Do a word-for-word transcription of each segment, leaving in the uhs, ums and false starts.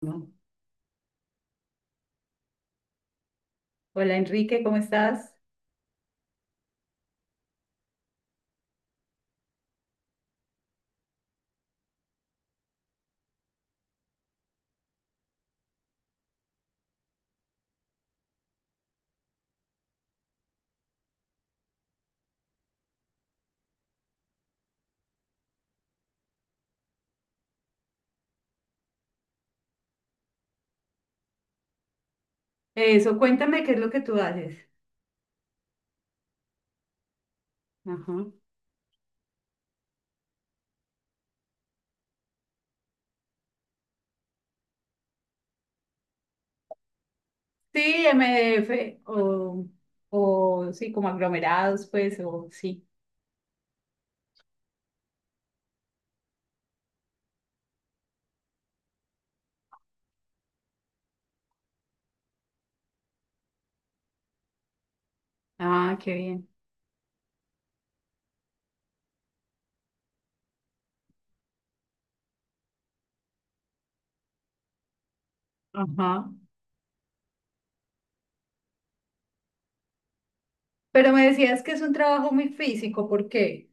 No. Hola Enrique, ¿cómo estás? Eso, cuéntame qué es lo que tú haces. Ajá. Sí, M D F o, o sí, como aglomerados, pues, o sí. Ah, qué bien. Ajá. Pero me decías que es un trabajo muy físico, ¿por qué?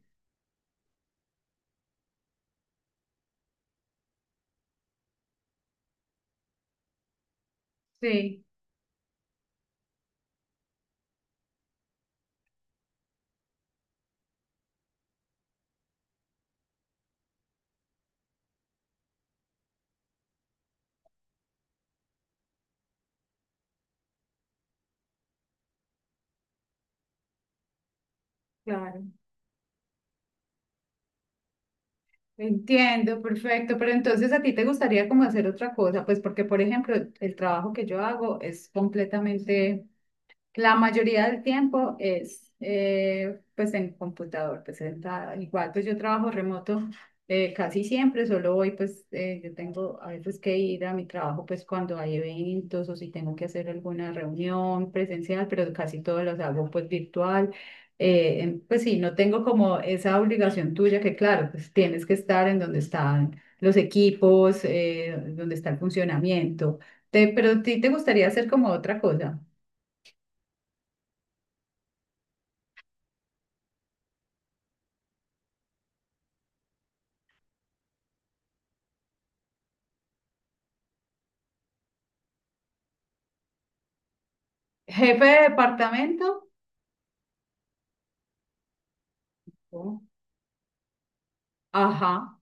Sí, claro. Entiendo, perfecto. Pero entonces a ti te gustaría como hacer otra cosa, pues porque, por ejemplo, el trabajo que yo hago es completamente. La mayoría del tiempo es eh, pues en computador, pues sentada. Igual pues yo trabajo remoto eh, casi siempre, solo hoy pues eh, yo tengo a veces que ir a mi trabajo pues cuando hay eventos o si tengo que hacer alguna reunión presencial, pero casi todos los hago pues virtual. Eh, en- pues sí, no tengo como esa obligación tuya que claro, pues tienes que estar en donde están los equipos, eh, donde está el funcionamiento. Te- pero a ti te gustaría hacer como otra cosa. Jefe de departamento. ¿No? Ajá,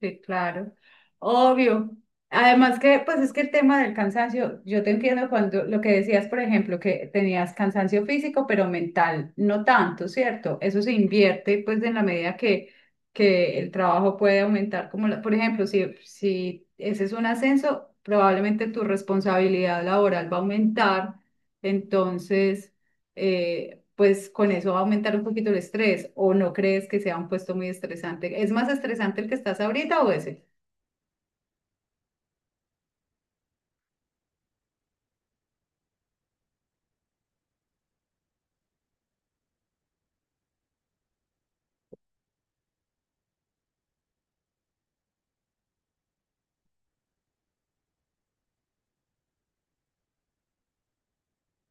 sí, claro, obvio. Además que, pues es que el tema del cansancio, yo te entiendo cuando lo que decías, por ejemplo, que tenías cansancio físico, pero mental, no tanto, ¿cierto? Eso se invierte, pues, en la medida que, que el trabajo puede aumentar, como, la- por ejemplo, si, si ese es un ascenso, probablemente tu responsabilidad laboral va a aumentar, entonces... eh, pues con eso va a aumentar un poquito el estrés o no crees que sea un puesto muy estresante. ¿Es más estresante el que estás ahorita o ese?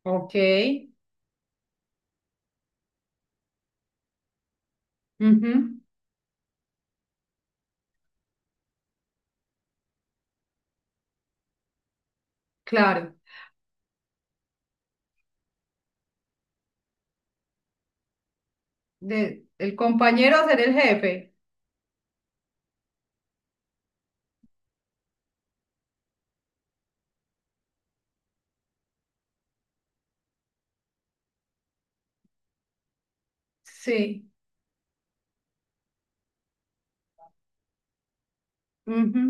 Ok, ujú. Claro. De, el compañero a ser el jefe. Sí. Ujú.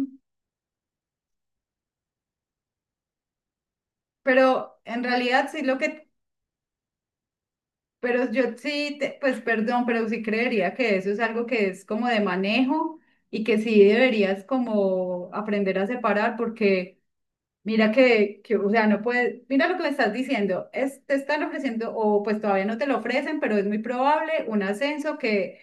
Pero en realidad sí lo que, pero yo sí, te- pues perdón, pero sí creería que eso es algo que es como de manejo y que sí deberías como aprender a separar porque... Mira que, que, o sea, no puedes, mira lo que me estás diciendo, es, te están ofreciendo, o pues todavía no te lo ofrecen, pero es muy probable un ascenso que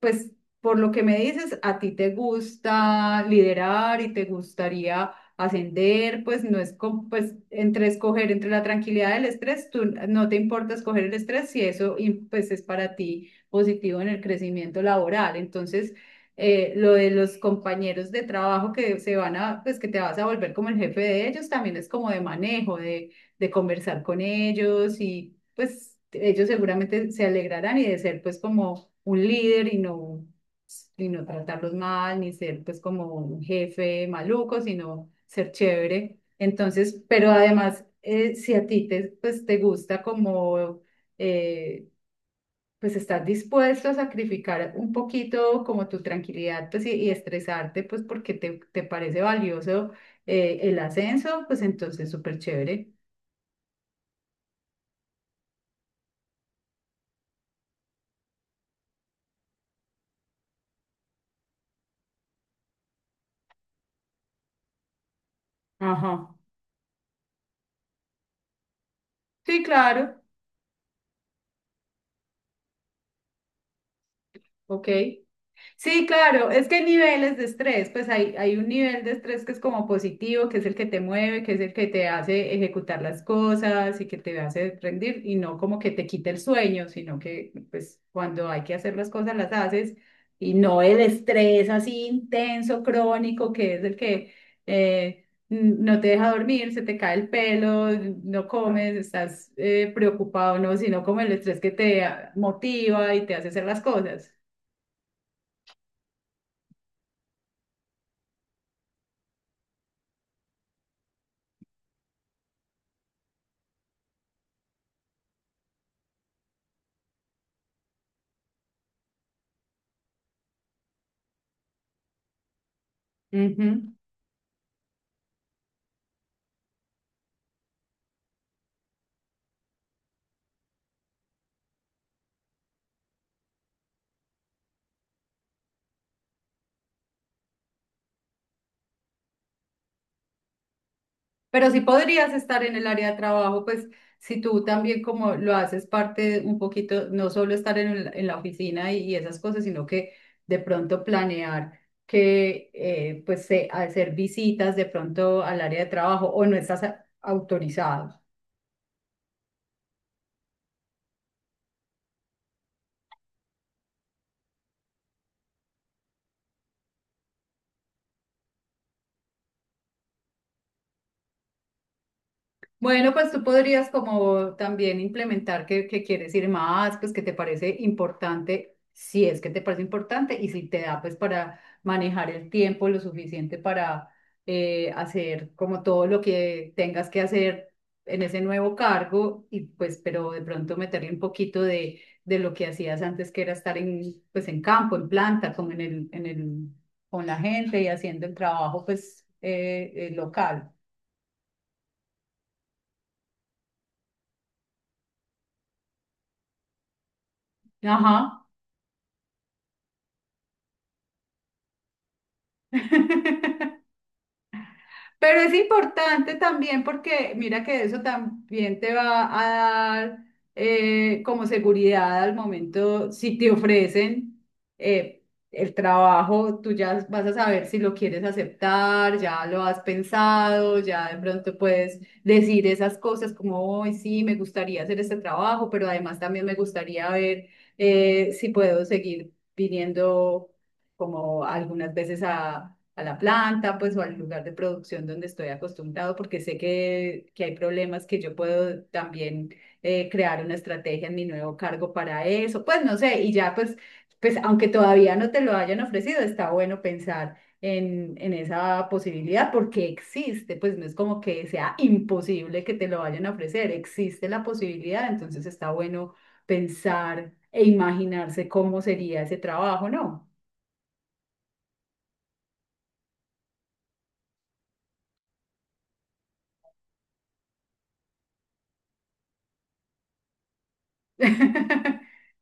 pues por lo que me dices, a ti te gusta liderar y te gustaría ascender, pues no es como, pues entre escoger entre la tranquilidad del estrés, tú no te importa escoger el estrés si eso y, pues es para ti positivo en el crecimiento laboral. Entonces, eh, lo de los compañeros de trabajo que se van a, pues que te vas a volver como el jefe de ellos, también es como de manejo, de, de conversar con ellos y pues ellos seguramente se alegrarán y de ser pues como un líder y no, y no tratarlos mal, ni ser pues como un jefe maluco, sino ser chévere. Entonces, pero además, eh, si a ti te, pues, te gusta como, eh, pues estás dispuesto a sacrificar un poquito como tu tranquilidad, pues y, y estresarte, pues porque te, te parece valioso eh, el ascenso, pues entonces súper chévere. Ajá. Sí, claro. Ok. Sí, claro, es que hay niveles de estrés, pues hay, hay un nivel de estrés que es como positivo, que es el que te mueve, que es el que te hace ejecutar las cosas y que te hace rendir y no como que te quite el sueño, sino que pues cuando hay que hacer las cosas las haces y no el estrés así intenso, crónico, que es el que eh, n- no te deja dormir, se te cae el pelo, no comes, estás eh, preocupado, no, sino como el estrés que te ah, motiva y te hace hacer las cosas. Pero sí podrías estar en el área de trabajo, pues si tú también como lo haces parte un poquito, no solo estar en, el- en la oficina y, y esas cosas, sino que de pronto planear que eh, pues se- hacer visitas de pronto al área de trabajo o no estás a- autorizado. Bueno, pues tú podrías como también implementar que, que quieres ir más, pues que te parece importante, si es que te parece importante y si te da pues para manejar el tiempo lo suficiente para eh, hacer como todo lo que tengas que hacer en ese nuevo cargo y pues pero de pronto meterle un poquito de, de lo que hacías antes que era estar en pues en campo, en planta, como en el, en el, con la gente y haciendo el trabajo pues eh, eh, local. Ajá. Pero es importante también porque mira que eso también te va a dar eh, como seguridad al momento, si te ofrecen eh, el trabajo, tú ya vas a saber si lo quieres aceptar, ya lo has pensado, ya de pronto puedes decir esas cosas como, hoy sí, me gustaría hacer este trabajo, pero además también me gustaría ver eh, si puedo seguir viniendo como algunas veces a, a la planta, pues, o al lugar de producción donde estoy acostumbrado, porque sé que, que hay problemas que yo puedo también eh, crear una estrategia en mi nuevo cargo para eso, pues, no sé, y ya, pues, pues, aunque todavía no te lo hayan ofrecido, está bueno pensar en, en esa posibilidad porque existe, pues no es como que sea imposible que te lo vayan a ofrecer, existe la posibilidad, entonces está bueno pensar e imaginarse cómo sería ese trabajo, ¿no?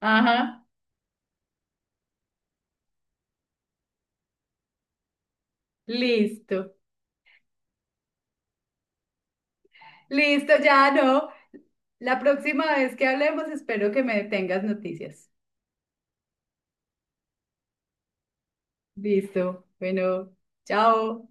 Ajá, listo. Listo, ya no. La próxima vez que hablemos, espero que me tengas noticias. Listo. Bueno, chao.